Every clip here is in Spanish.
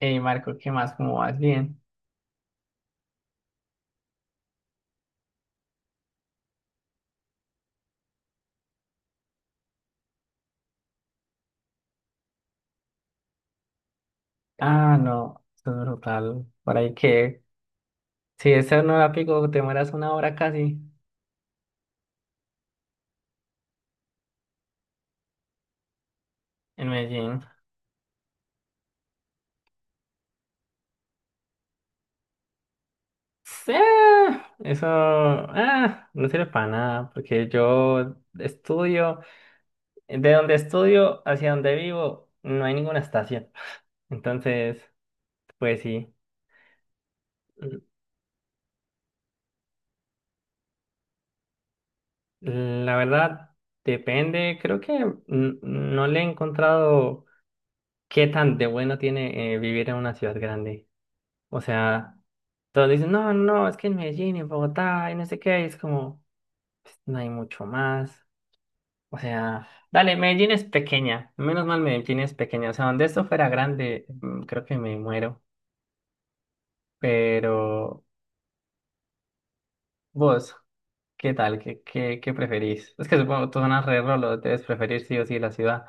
Hey Marco, ¿qué más? ¿Cómo vas? Bien. Ah, no, esto es brutal. Por ahí que, si ese no era pico, te mueras una hora casi en Medellín. Sí, eso no sirve para nada, porque yo estudio, de donde estudio hacia donde vivo, no hay ninguna estación. Entonces, pues sí, la verdad depende, creo que no le he encontrado qué tan de bueno tiene vivir en una ciudad grande. O sea. Todos dicen, no, no, es que en Medellín, en Bogotá, y no sé qué, y es como, pues, no hay mucho más. O sea, dale, Medellín es pequeña, menos mal Medellín es pequeña. O sea, donde esto fuera grande, creo que me muero. Pero vos, ¿qué tal? ¿Qué preferís? Es que supongo que tú zonas re rolo, debes preferir sí o sí la ciudad.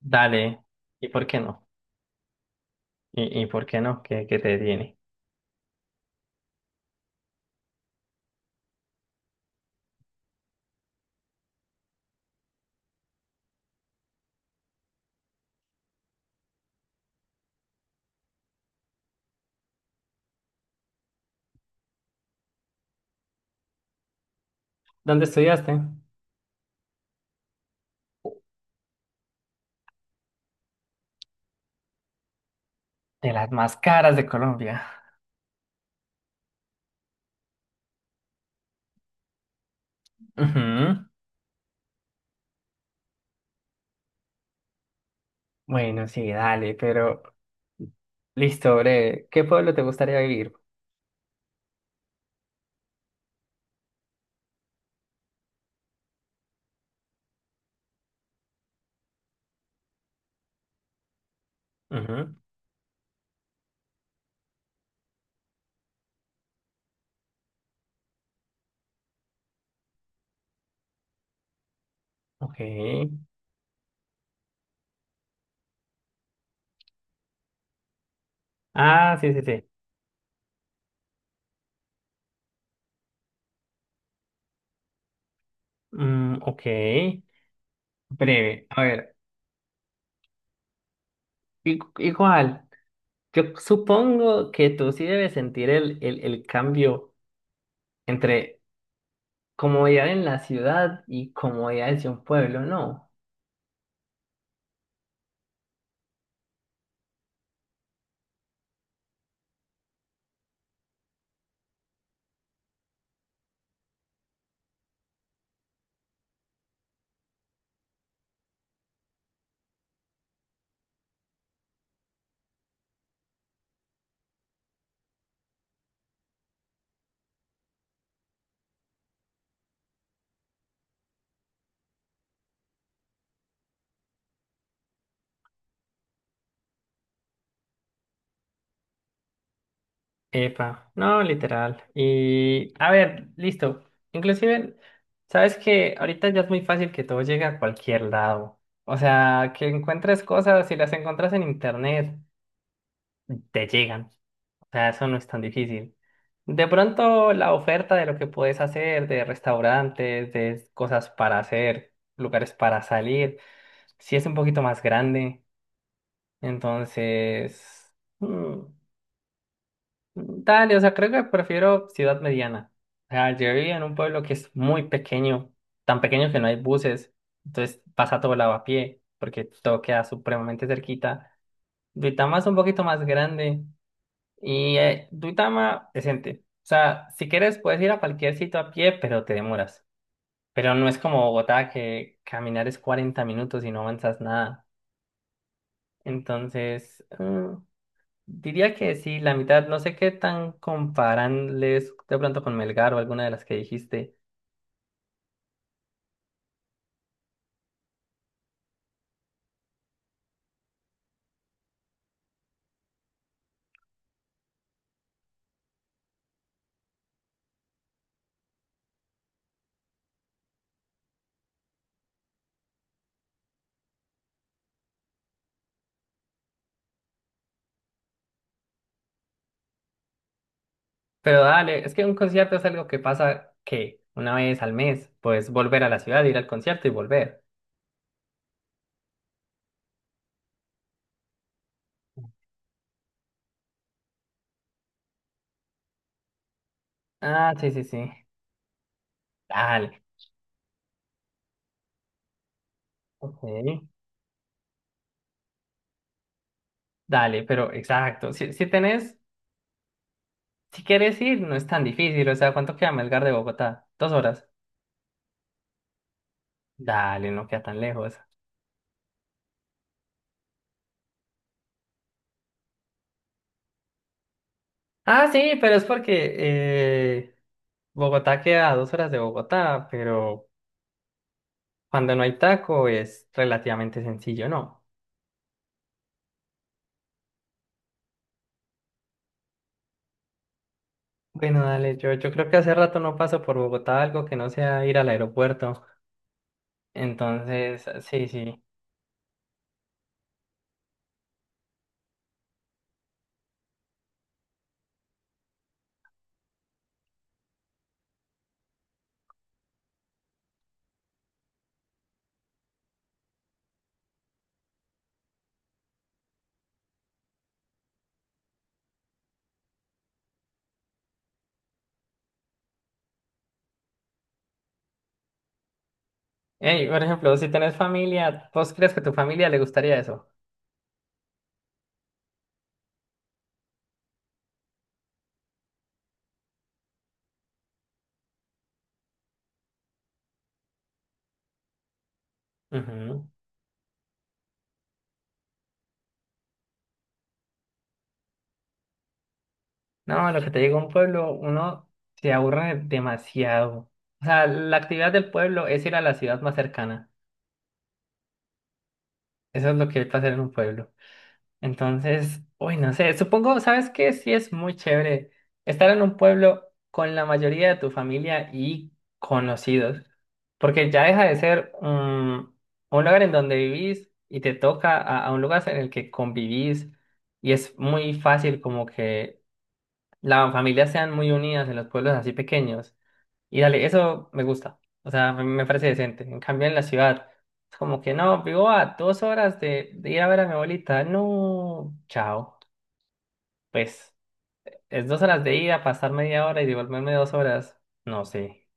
Dale, ¿y por qué no? ¿Y por qué no? ¿Qué te tiene? ¿Dónde estudiaste? De las más caras de Colombia. Ujú. Bueno, sí, dale, pero listo, breve. ¿Qué pueblo te gustaría vivir? Ujú. Ok. Ah, sí, sí, sí. Mm, ok. Breve. A ver, igual, yo supongo que tú sí debes sentir el cambio entre comodidad en la ciudad y comodidad de un pueblo, ¿no? Epa, no, literal. Y a ver, listo. Inclusive, sabes que ahorita ya es muy fácil que todo llegue a cualquier lado. O sea, que encuentres cosas, si las encuentras en internet, te llegan. O sea, eso no es tan difícil. De pronto, la oferta de lo que puedes hacer, de restaurantes, de cosas para hacer, lugares para salir, sí es un poquito más grande. Entonces, mm, dale, o sea, creo que prefiero ciudad mediana. O sea, yo vivía en un pueblo que es muy pequeño, tan pequeño que no hay buses, entonces pasa todo lado a pie, porque todo queda supremamente cerquita. Duitama es un poquito más grande y Duitama decente. O sea, si quieres puedes ir a cualquier sitio a pie, pero te demoras. Pero no es como Bogotá que caminar es 40 minutos y no avanzas nada. Entonces, diría que sí, la mitad, no sé qué tan comparanles de pronto con Melgar o alguna de las que dijiste, pero dale, es que un concierto es algo que pasa que una vez al mes, pues volver a la ciudad, ir al concierto y volver. Ah, sí, sí, sí, dale, ok, dale, pero exacto, si tenés, si quieres ir, no es tan difícil, o sea, ¿cuánto queda Melgar de Bogotá? ¿Dos horas? Dale, no queda tan lejos. Ah, sí, pero es porque Bogotá queda a dos horas de Bogotá, pero cuando no hay taco es relativamente sencillo, ¿no? Bueno, dale, yo creo que hace rato no paso por Bogotá algo que no sea ir al aeropuerto. Entonces, sí, sí. Ey, por ejemplo, si tenés familia, ¿vos crees que a tu familia le gustaría eso? Ujú. No, lo que te digo, un pueblo, uno se aburre demasiado. O sea, la actividad del pueblo es ir a la ciudad más cercana. Eso es lo que hay para hacer en un pueblo. Entonces, uy, no sé, supongo, ¿sabes qué? Sí es muy chévere estar en un pueblo con la mayoría de tu familia y conocidos, porque ya deja de ser un lugar en donde vivís y te toca a un lugar en el que convivís y es muy fácil como que las familias sean muy unidas en los pueblos así pequeños. Y dale, eso me gusta. O sea, me parece decente. En cambio, en la ciudad, es como que no, vivo a dos horas de ir a ver a mi abuelita. No, chao. Pues es dos horas de ida, pasar media hora y devolverme dos horas. No sé.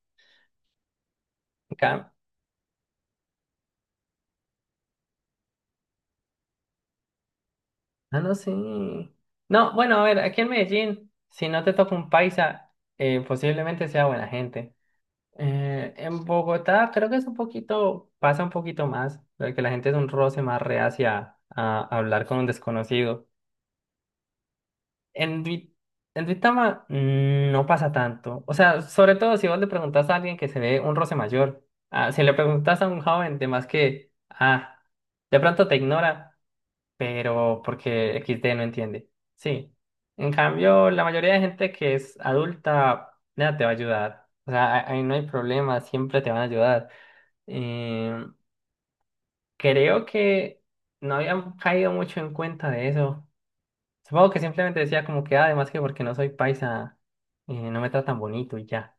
En cam- Ah, no sé. No, bueno, a ver, aquí en Medellín, si no te toca un paisa, posiblemente sea buena gente. En Bogotá creo que es un poquito, pasa un poquito más, porque la gente es un roce más reacia a hablar con un desconocido. En, Dui- en Duitama no pasa tanto. O sea, sobre todo si vos le preguntas a alguien que se ve un roce mayor. Ah, si le preguntas a un joven, de más que, de pronto te ignora, pero porque XD no entiende. Sí. En cambio, la mayoría de gente que es adulta, nada, te va a ayudar. O sea, ahí no hay problema, siempre te van a ayudar. Eh, Creo que no habían caído mucho en cuenta de eso. Supongo que simplemente decía como que, "Ah, además que porque no soy paisa, no me tratan bonito y ya."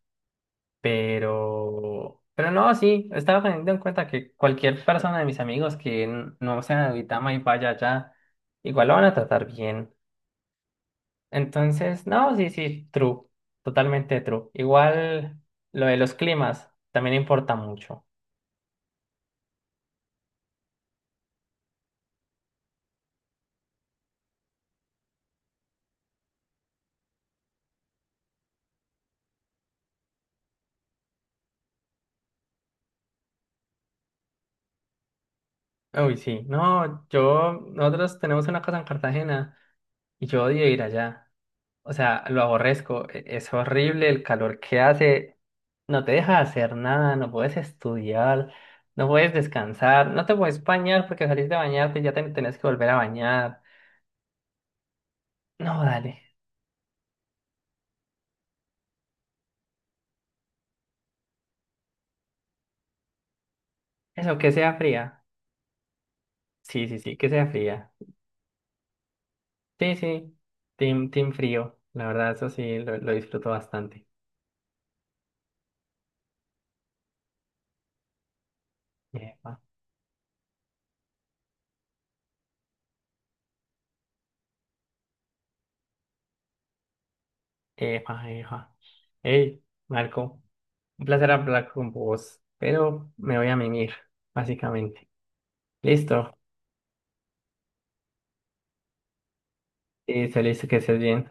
Pero no, sí, estaba teniendo en cuenta que cualquier persona de mis amigos que no sea de Duitama y vaya allá, igual lo van a tratar bien. Entonces, no, sí, sí, true, totalmente true. Igual lo de los climas también importa mucho. Uy, sí, no, nosotros tenemos una casa en Cartagena y yo odio ir allá. O sea, lo aborrezco, es horrible el calor que hace, no te deja hacer nada, no puedes estudiar, no puedes descansar, no te puedes bañar porque salís de bañarte y ya te tenés que volver a bañar. No, dale, eso, que sea fría. Sí, sí, sí, que sea fría. Sí, sí, team, team frío, la verdad, eso sí, lo disfruto bastante. Epa, epa, epa. Hey, Marco, un placer hablar con vos, pero me voy a mimir, básicamente. Listo. Y se le dice que estés bien.